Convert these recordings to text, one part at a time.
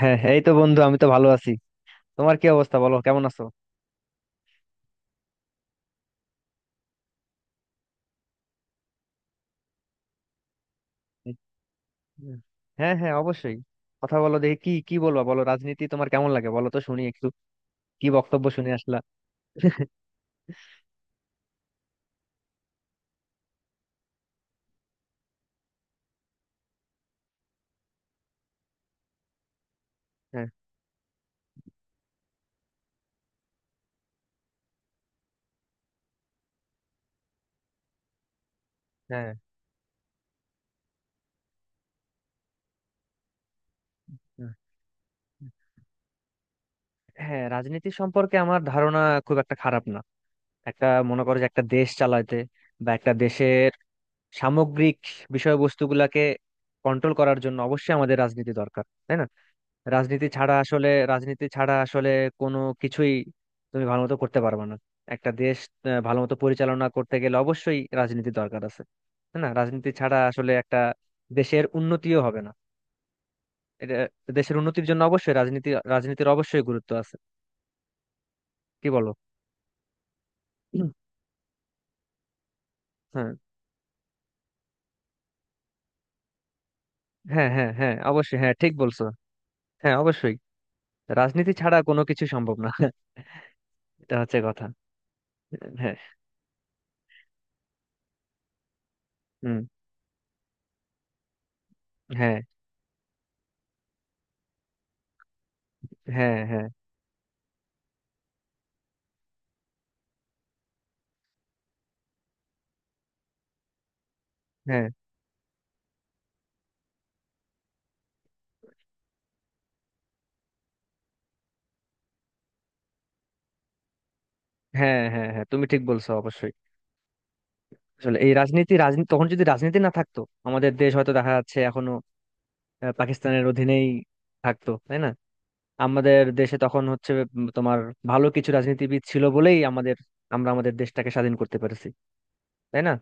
হ্যাঁ হ্যাঁ, এই তো বন্ধু, আমি তো ভালো আছি। তোমার কি অবস্থা? বলো কেমন আছো। এই- হ্যাঁ হ্যাঁ, অবশ্যই। কথা বলো দেখি, কি কি বলবা বলো। রাজনীতি তোমার কেমন লাগে বলো তো, শুনি একটু। কি বক্তব্য শুনে আসলা? হ্যাঁ হ্যাঁ। হ্যাঁ হ্যাঁ, রাজনীতি সম্পর্কে আমার ধারণা খুব একটা খারাপ না। একটা, মনে করো যে, একটা দেশ চালাতে বা একটা দেশের সামগ্রিক বিষয়বস্তুগুলাকে কন্ট্রোল করার জন্য অবশ্যই আমাদের রাজনীতি দরকার, তাই না? রাজনীতি ছাড়া আসলে কোনো কিছুই তুমি ভালো মতো করতে পারবে না। একটা দেশ ভালো মতো পরিচালনা করতে গেলে অবশ্যই রাজনীতি দরকার আছে, তাই না? রাজনীতি ছাড়া আসলে একটা দেশের উন্নতিও হবে না। এটা, দেশের উন্নতির জন্য অবশ্যই রাজনীতির অবশ্যই গুরুত্ব আছে। কি বলো? হুম। হ্যাঁ হ্যাঁ হ্যাঁ, হ্যাঁ অবশ্যই, হ্যাঁ ঠিক বলছো। হ্যাঁ অবশ্যই, রাজনীতি ছাড়া কোনো কিছু সম্ভব না। এটা হচ্ছে কথা। হ্যাঁ। হুম। হ্যাঁ হ্যাঁ। হ্যাঁ। হ্যাঁ হ্যাঁ হ্যাঁ। হ্যাঁ হ্যাঁ, তুমি ঠিক বলছো অবশ্যই। আসলে এই রাজনীতি রাজনীতি তখন যদি রাজনীতি না থাকতো, আমাদের দেশ হয়তো দেখা যাচ্ছে এখনো পাকিস্তানের অধীনেই থাকতো, তাই না? আমাদের দেশে তখন হচ্ছে তোমার ভালো কিছু রাজনীতিবিদ ছিল বলেই আমাদের, আমরা আমাদের দেশটাকে স্বাধীন করতে পেরেছি, তাই না?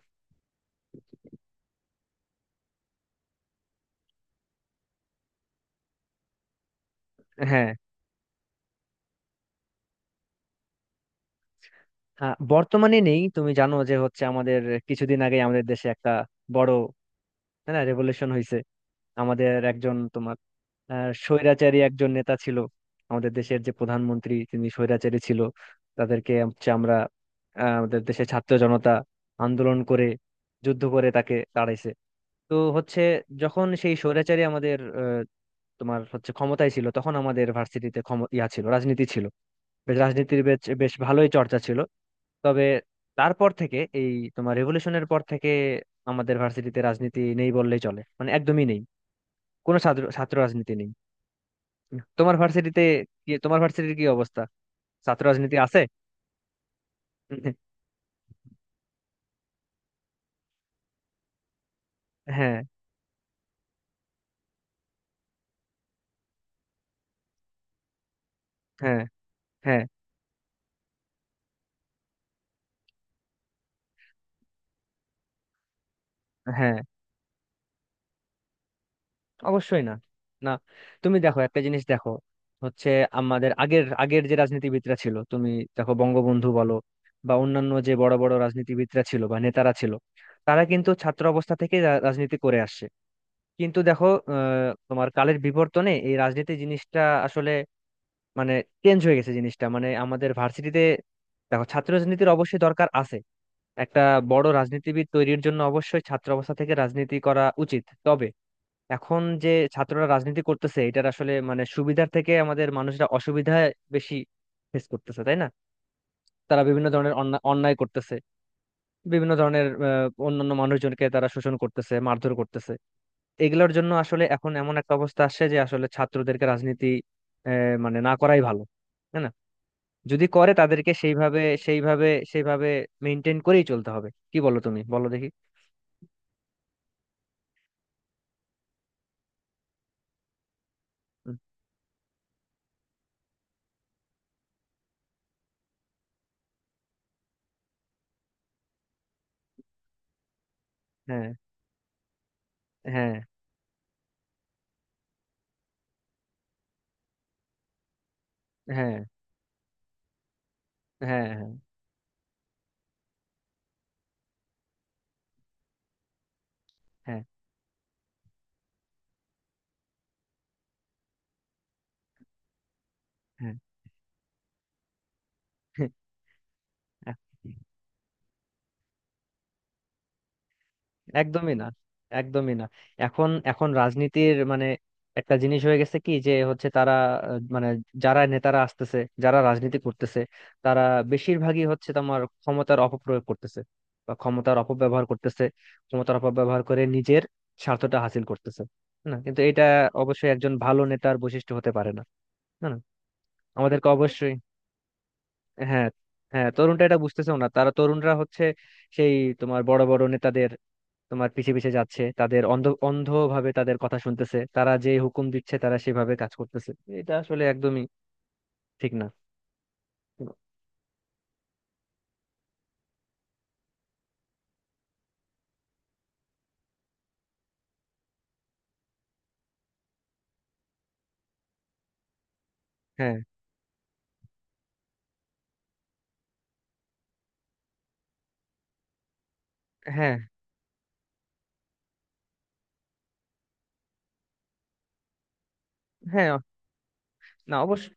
হ্যাঁ। হ্যাঁ, বর্তমানে নেই। তুমি জানো যে হচ্ছে, আমাদের কিছুদিন আগে আমাদের দেশে একটা বড়, তাই না, রেভলিউশন হয়েছে। আমাদের একজন তোমার আহ স্বৈরাচারী একজন নেতা ছিল, আমাদের দেশের যে প্রধানমন্ত্রী তিনি স্বৈরাচারী ছিল। তাদেরকে হচ্ছে আমরা আমাদের দেশের ছাত্র জনতা আন্দোলন করে, যুদ্ধ করে তাকে তাড়াইছে। তো হচ্ছে, যখন সেই স্বৈরাচারী আমাদের তোমার হচ্ছে ক্ষমতায় ছিল, তখন আমাদের ভার্সিটিতে ক্ষম- ইয়া ছিল, রাজনীতি ছিল, বেশ রাজনীতির বেশ বেশ ভালোই চর্চা ছিল। তবে তারপর থেকে এই তোমার রেভলিউশনের পর থেকে আমাদের ভার্সিটিতে রাজনীতি নেই বললেই চলে, মানে একদমই নেই। কোনো ছাত্র ছাত্র রাজনীতি নেই তোমার ভার্সিটিতে। কি, তোমার ভার্সিটির কি অবস্থা? ছাত্র রাজনীতি আছে? হ্যাঁ হ্যাঁ হ্যাঁ। হ্যাঁ অবশ্যই না, না। তুমি দেখো একটা জিনিস দেখো, হচ্ছে, আমাদের আগের আগের যে রাজনীতিবিদরা ছিল, তুমি দেখো, বঙ্গবন্ধু বলো বা অন্যান্য যে বড় বড় রাজনীতিবিদরা ছিল বা নেতারা ছিল, তারা কিন্তু ছাত্র অবস্থা থেকে রাজনীতি করে আসছে। কিন্তু দেখো, তোমার কালের বিবর্তনে এই রাজনীতি জিনিসটা আসলে মানে চেঞ্জ হয়ে গেছে জিনিসটা। মানে আমাদের ভার্সিটিতে, দেখো, ছাত্র রাজনীতির অবশ্যই দরকার আছে। একটা বড় রাজনীতিবিদ তৈরির জন্য অবশ্যই ছাত্র অবস্থা থেকে রাজনীতি করা উচিত, তবে এখন যে ছাত্ররা রাজনীতি করতেছে এটার আসলে মানে সুবিধার থেকে আমাদের মানুষরা অসুবিধা বেশি ফেস করতেছে, তাই না? তারা বিভিন্ন ধরনের অন্যায় করতেছে, বিভিন্ন ধরনের অন্যান্য মানুষজনকে তারা শোষণ করতেছে, মারধর করতেছে। এগুলোর জন্য আসলে এখন এমন একটা অবস্থা আসছে যে আসলে ছাত্রদেরকে রাজনীতি মানে না করাই ভালো, তাই না? যদি করে, তাদেরকে সেইভাবে সেইভাবে সেইভাবে মেনটেন করেই চলতে হবে। কি বলো, তুমি বলো দেখি। হ্যাঁ হ্যাঁ হ্যাঁ। হ্যাঁ হ্যাঁ হ্যাঁ। হ্যাঁ হ্যাঁ, হ্যাঁ। একদমই না, একদমই না। এখন এখন রাজনীতির মানে একটা জিনিস হয়ে গেছে, কি যে হচ্ছে, তারা মানে, যারা নেতারা আসতেছে, যারা রাজনীতি করতেছে, তারা বেশিরভাগই হচ্ছে তোমার ক্ষমতার অপপ্রয়োগ করতেছে বা ক্ষমতার অপব্যবহার করতেছে। ক্ষমতার অপব্যবহার করে নিজের স্বার্থটা হাসিল করতেছে। না, কিন্তু এটা অবশ্যই একজন ভালো নেতার বৈশিষ্ট্য হতে পারে না। না না? আমাদেরকে অবশ্যই। হ্যাঁ। হ্যাঁ, তরুণরা এটা বুঝতেছেও না। তারা, তরুণরা হচ্ছে সেই তোমার বড় বড় নেতাদের তোমার পিছে পিছে যাচ্ছে, তাদের অন্ধভাবে তাদের কথা শুনতেছে, তারা যে হুকুম দিচ্ছে তারা সেভাবে কাজ করতেছে। এটা আসলে একদমই ঠিক না। হ্যাঁ। হ্যাঁ হ্যাঁ, না অবশ্যই,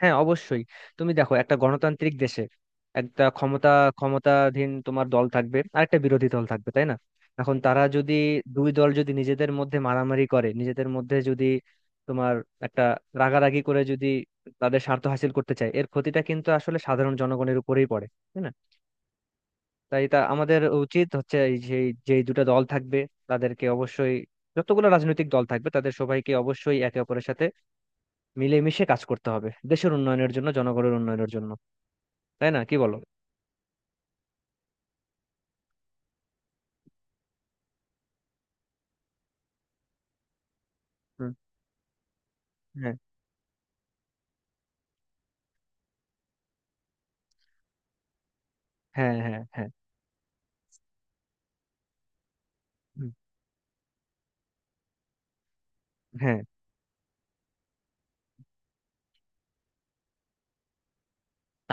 হ্যাঁ অবশ্যই। তুমি দেখো, একটা গণতান্ত্রিক দেশে একটা ক্ষমতাধীন তোমার দল থাকবে আর একটা বিরোধী দল থাকবে, তাই না? এখন তারা যদি, দুই দল যদি নিজেদের মধ্যে মারামারি করে, নিজেদের মধ্যে যদি তোমার একটা রাগারাগি করে, যদি তাদের স্বার্থ হাসিল করতে চায়, এর ক্ষতিটা কিন্তু আসলে সাধারণ জনগণের উপরেই পড়ে, তাই না? তাই এটা আমাদের উচিত হচ্ছে, এই যে যেই দুটো দল থাকবে তাদেরকে অবশ্যই, যতগুলো রাজনৈতিক দল থাকবে তাদের সবাইকে অবশ্যই একে অপরের সাথে মিলেমিশে কাজ করতে হবে দেশের উন্নয়নের জন্য, জনগণের উন্নয়নের জন্য। তাই না, কি বলো? হুম। হ্যাঁ হ্যাঁ হ্যাঁ। হ্যাঁ হুম, হ্যাঁ।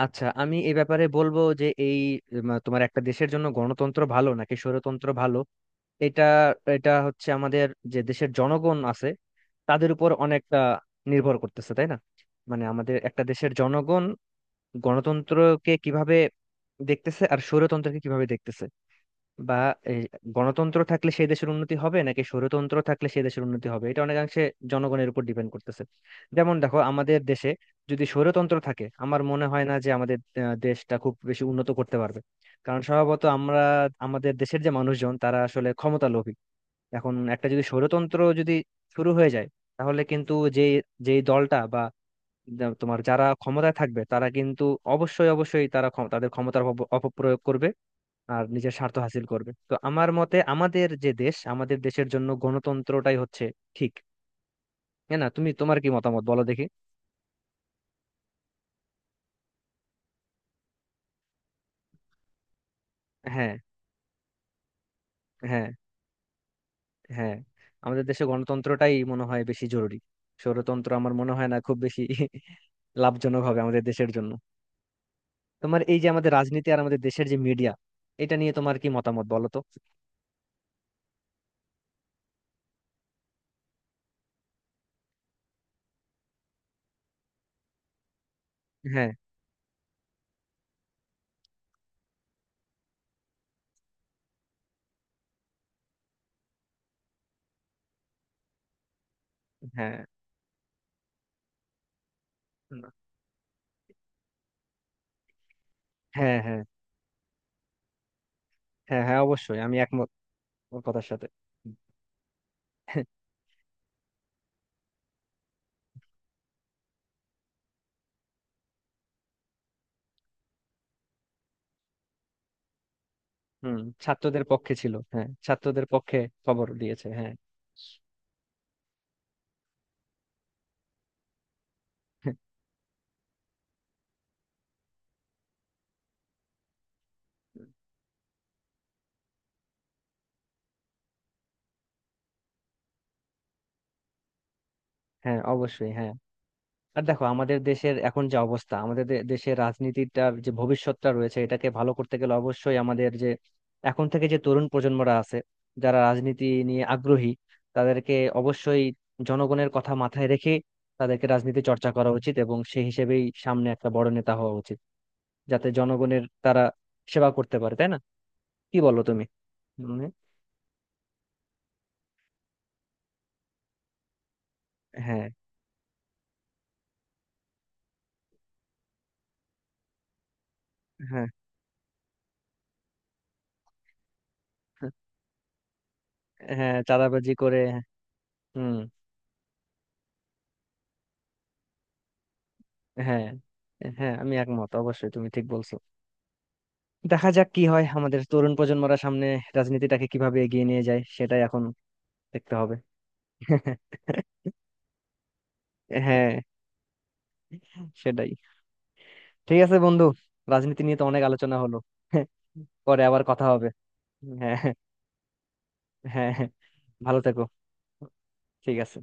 আচ্ছা, আমি এই ব্যাপারে বলবো যে এই তোমার একটা দেশের জন্য গণতন্ত্র ভালো নাকি স্বৈরতন্ত্র ভালো, এটা, এটা হচ্ছে আমাদের যে দেশের জনগণ আছে তাদের উপর অনেকটা নির্ভর করতেছে, তাই না? মানে আমাদের একটা দেশের জনগণ গণতন্ত্রকে কিভাবে দেখতেছে আর স্বৈরতন্ত্রকে কিভাবে দেখতেছে, বা এই গণতন্ত্র থাকলে সেই দেশের উন্নতি হবে নাকি স্বৈরতন্ত্র থাকলে সেই দেশের উন্নতি হবে, এটা অনেকাংশে জনগণের উপর ডিপেন্ড করতেছে। যেমন দেখো, আমাদের দেশে যদি স্বৈরতন্ত্র থাকে, আমার মনে হয় না যে আমাদের দেশটা খুব বেশি উন্নত করতে পারবে। কারণ স্বভাবত আমরা, আমাদের দেশের যে মানুষজন তারা আসলে ক্ষমতা লোভী। এখন একটা যদি স্বৈরতন্ত্র যদি শুরু হয়ে যায়, তাহলে কিন্তু যে, যেই দলটা বা তোমার যারা ক্ষমতায় থাকবে তারা কিন্তু অবশ্যই অবশ্যই তারা তাদের ক্ষমতার অপপ্রয়োগ করবে আর নিজের স্বার্থ হাসিল করবে। তো আমার মতে আমাদের যে দেশ, আমাদের দেশের জন্য গণতন্ত্রটাই হচ্ছে ঠিক। হ্যাঁ না, তুমি তোমার কি মতামত বলো দেখি। হ্যাঁ হ্যাঁ হ্যাঁ। আমাদের দেশে গণতন্ত্রটাই মনে হয় বেশি জরুরি, স্বৈরতন্ত্র আমার মনে হয় না খুব বেশি লাভজনক হবে আমাদের দেশের জন্য। তোমার এই যে আমাদের রাজনীতি আর আমাদের দেশের যে মিডিয়া, এটা নিয়ে তোমার কি মতামত বলো তো। হ্যাঁ। হ্যাঁ হ্যাঁ। হ্যাঁ হ্যাঁ হ্যাঁ, অবশ্যই আমি একমত ওর কথার সাথে। হুম। ছাত্রদের পক্ষে ছিল, হ্যাঁ ছাত্রদের পক্ষে খবর দিয়েছে, হ্যাঁ। হ্যাঁ অবশ্যই, হ্যাঁ। আর দেখো, আমাদের দেশের এখন যে অবস্থা, আমাদের দেশের রাজনীতিটার যে ভবিষ্যৎটা রয়েছে, এটাকে ভালো করতে গেলে অবশ্যই আমাদের যে এখন থেকে যে তরুণ প্রজন্মরা আছে, যারা রাজনীতি নিয়ে আগ্রহী, তাদেরকে অবশ্যই জনগণের কথা মাথায় রেখে তাদেরকে রাজনীতি চর্চা করা উচিত এবং সেই হিসেবেই সামনে একটা বড় নেতা হওয়া উচিত, যাতে জনগণের তারা সেবা করতে পারে, তাই না? কি বলো তুমি? মানে। হ্যাঁ হ্যাঁ হ্যাঁ, চাঁদাবাজি করে। হুম। হ্যাঁ। হ্যাঁ আমি একমত, অবশ্যই তুমি ঠিক বলছো। দেখা যাক কি হয়, আমাদের তরুণ প্রজন্মরা সামনে রাজনীতিটাকে কিভাবে এগিয়ে নিয়ে যায় সেটাই এখন দেখতে হবে। হ্যাঁ সেটাই। ঠিক আছে বন্ধু, রাজনীতি নিয়ে তো অনেক আলোচনা হলো। পরে আবার কথা হবে। হ্যাঁ হ্যাঁ হ্যাঁ, ভালো থেকো। ঠিক আছে।